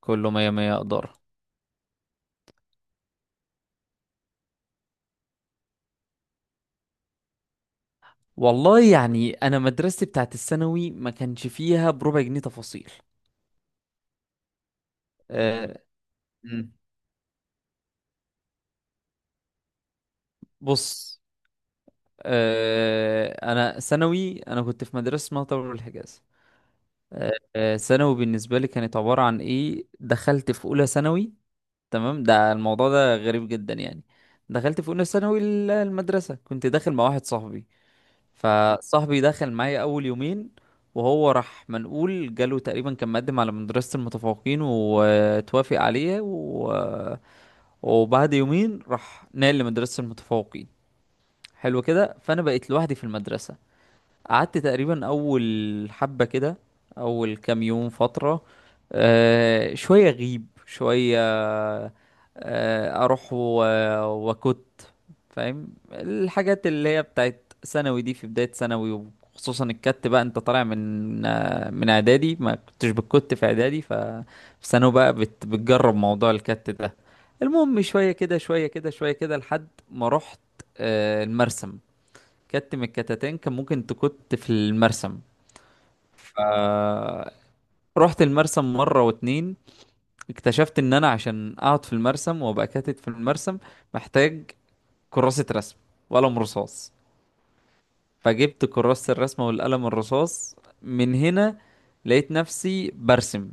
كله مية مية إدارة. والله يعني أنا مدرستي بتاعت الثانوي ما كانش فيها بربع جنيه تفاصيل. أه. مم. بص. أنا ثانوي، أنا كنت في مدرسة اسمها طلبة الحجاز. أه آه، ثانوي بالنسبة لي كانت عبارة عن إيه، دخلت في أولى ثانوي. تمام، ده الموضوع ده غريب جدا يعني. دخلت في أولى ثانوي المدرسة، كنت داخل مع واحد صاحبي. فصاحبي دخل معايا اول يومين وهو راح منقول، جاله تقريبا كان مقدم على مدرسة المتفوقين وتوافق عليه وبعد يومين راح نقل لمدرسة المتفوقين. حلو كده، فانا بقيت لوحدي في المدرسة. قعدت تقريبا اول حبة كده، اول كام يوم فترة، شوية غيب شوية، أه اروح وكت فاهم الحاجات اللي هي بتاعت ثانوي دي في بداية ثانوي. وخصوصا الكت بقى، انت طالع من من اعدادي، ما كنتش بتكت في اعدادي. ففي ثانوي بقى بتجرب موضوع الكت ده. المهم شوية كده شوية كده شوية كده لحد ما رحت المرسم. كت من الكتتين كان ممكن تكت في المرسم. ف رحت المرسم مرة واتنين، اكتشفت ان انا عشان اقعد في المرسم وابقى كاتت في المرسم محتاج كراسة رسم وقلم رصاص. فجبت كراسة الرسمة والقلم الرصاص. من هنا لقيت نفسي برسم.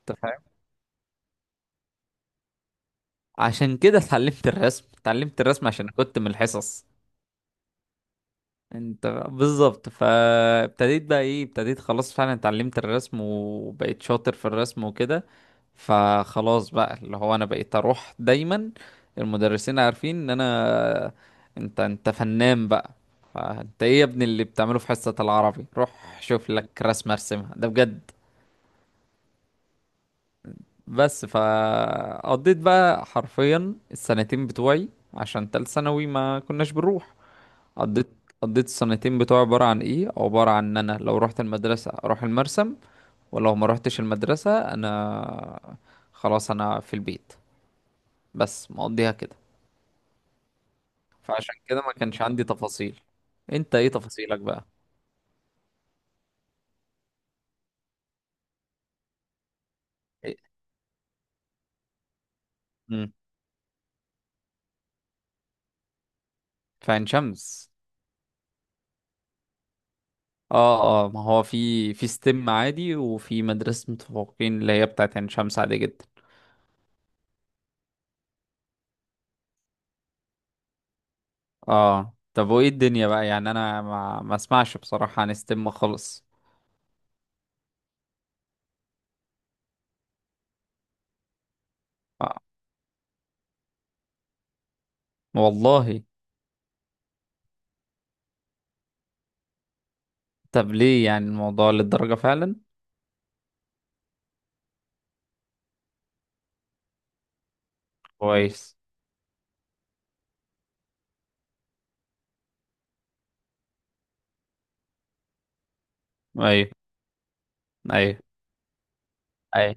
انت فاهم؟ عشان كده اتعلمت الرسم، اتعلمت الرسم عشان كنت من الحصص. انت بالظبط. فابتديت بقى ايه ابتديت خلاص، فعلا اتعلمت الرسم وبقيت شاطر في الرسم وكده. فخلاص بقى اللي هو انا بقيت اروح دايما، المدرسين عارفين ان انا انت فنان بقى. فانت ايه يا ابني اللي بتعمله في حصة العربي؟ روح شوف لك رسمة ارسمها، ده بجد. بس فقضيت بقى حرفيا السنتين بتوعي، عشان تالت ثانوي ما كناش بنروح. قضيت قضيت السنتين بتوعي عبارة عن ايه، عبارة عن ان انا لو رحت المدرسة اروح المرسم، ولو ما رحتش المدرسة انا خلاص انا في البيت. بس مقضيها كده. فعشان كده ما كانش عندي تفاصيل. انت ايه تفاصيلك بقى؟ إيه؟ مم. في عين شمس. اه اه، ما هو في ستيم عادي، وفي مدرسة متفوقين اللي هي بتاعت عين شمس عادي جدا. اه طب وايه الدنيا بقى، يعني انا ما اسمعش بصراحة عن ستيم خالص. آه. والله. طب ليه يعني الموضوع للدرجة فعلا؟ كويس. ايوه ايوه ايوه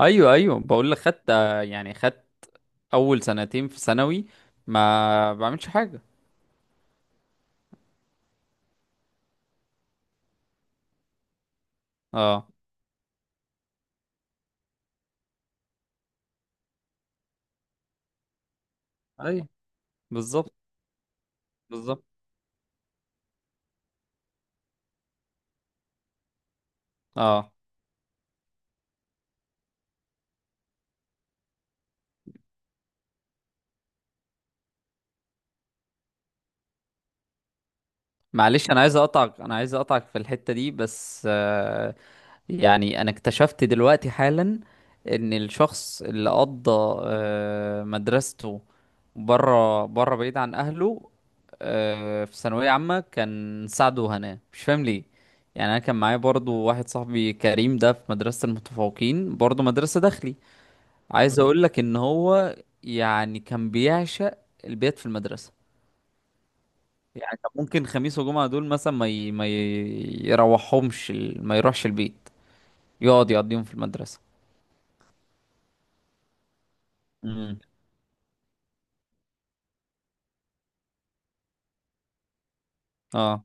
ايوه ايوه، بقول لك خدت يعني خدت اول سنتين في ثانوي ما بعملش حاجة. اه، ايوه بالظبط بالظبط. اه معلش، انا عايز اقطعك في الحتة دي بس. يعني انا اكتشفت دلوقتي حالا ان الشخص اللي قضى مدرسته بره بره بعيد عن اهله في ثانوية عامة كان سعد وهناء، مش فاهم ليه. يعني انا كان معايا برضو واحد صاحبي كريم ده، في مدرسة المتفوقين برضو، مدرسة داخلي. عايز اقول لك ان هو يعني كان بيعشق البيت في المدرسة. يعني طب ممكن خميس وجمعة دول مثلا ما ي... ما ي... يروحهمش ما يروحش البيت، يقعد يقضيهم في المدرسة. امم اه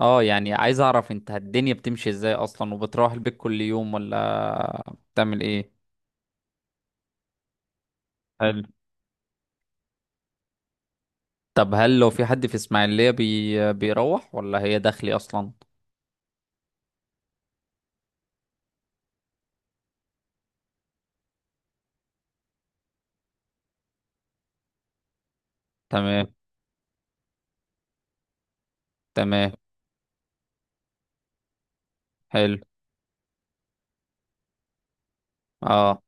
اه، يعني عايز اعرف انت الدنيا بتمشي ازاي اصلا، وبتروح البيت كل يوم ولا بتعمل ايه؟ حلو. طب هل لو في حد في اسماعيلية بيروح ولا هي داخلي اصلا؟ تمام. تمام. حلو. اه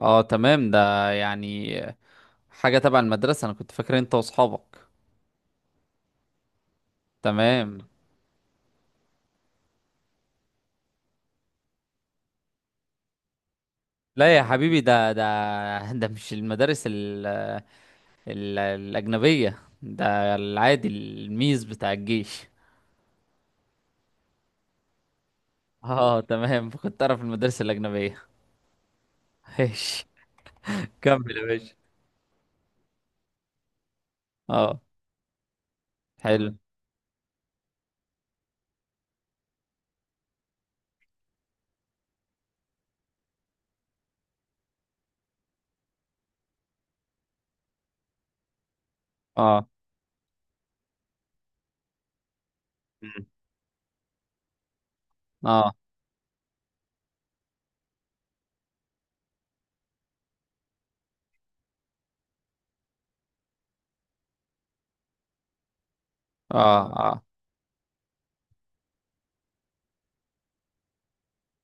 اه تمام. ده يعني حاجة تبع المدرسة؟ انا كنت فاكر انت واصحابك. تمام. لا يا حبيبي، ده مش المدارس ال الأجنبية ده العادي الميز بتاع الجيش. اه تمام، كنت أعرف المدارس الأجنبية. ماشي. كمل يا باشا. اه. حلو. اه. مم. اه اه اه،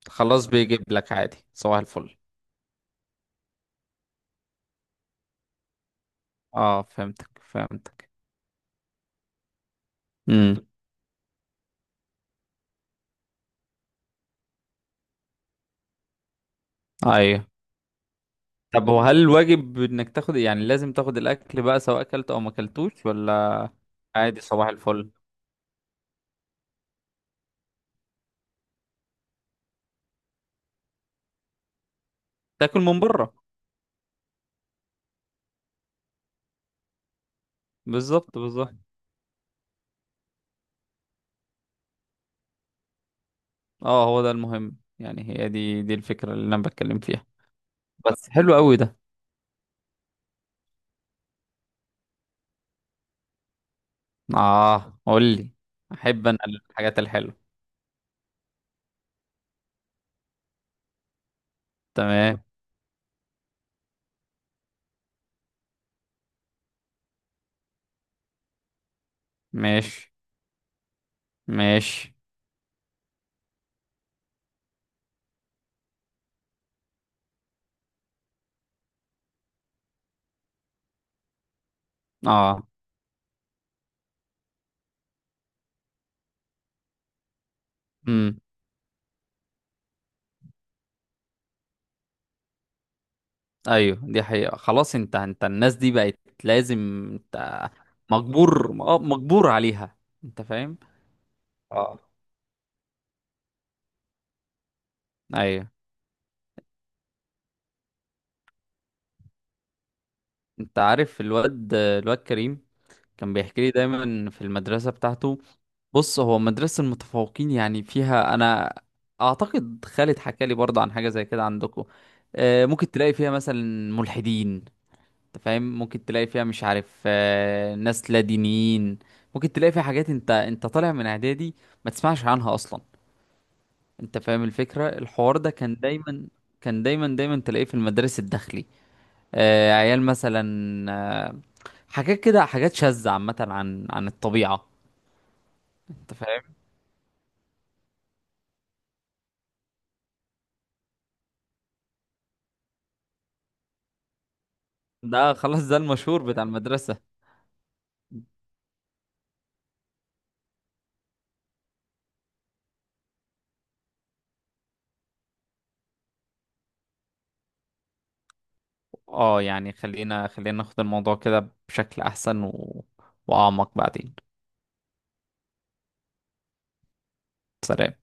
خلاص بيجيب لك عادي صباح الفل. اه فهمتك فهمتك. امم ايوه. طب وهل الواجب انك تاخد، يعني لازم تاخد الاكل بقى سواء اكلت او ما اكلتوش ولا عادي صباح الفل؟ تاكل من بره. بالظبط بالظبط. اه هو ده المهم، يعني هي دي الفكرة اللي انا بتكلم فيها. بس حلو قوي ده. اه قول لي، احب انا الحاجات الحلوة. تمام. ماشي ماشي. اه. امم ايوه دي حقيقة. خلاص انت انت الناس دي بقت لازم انت مجبور، اه مجبور عليها. انت فاهم. اه. ايوه. انت عارف الواد كريم كان بيحكي لي دايما في المدرسة بتاعته. بص، هو مدرسة المتفوقين يعني فيها، أنا أعتقد خالد حكى لي برضه عن حاجة زي كده عندكم. ممكن تلاقي فيها مثلا ملحدين. أنت فاهم؟ ممكن تلاقي فيها مش عارف ناس لا دينيين. ممكن تلاقي فيها حاجات، أنت طالع من إعدادي ما تسمعش عنها أصلا. أنت فاهم الفكرة؟ الحوار ده كان دايما، كان دايما دايما تلاقيه في المدارس الداخلي. عيال مثلا، آه، حاجات كده، حاجات شاذة عامة عن الطبيعة. انت فاهم. ده خلاص ده المشهور بتاع المدرسة. اه يعني خلينا خلينا ناخد الموضوع كده بشكل احسن واعمق بعدين. سلام.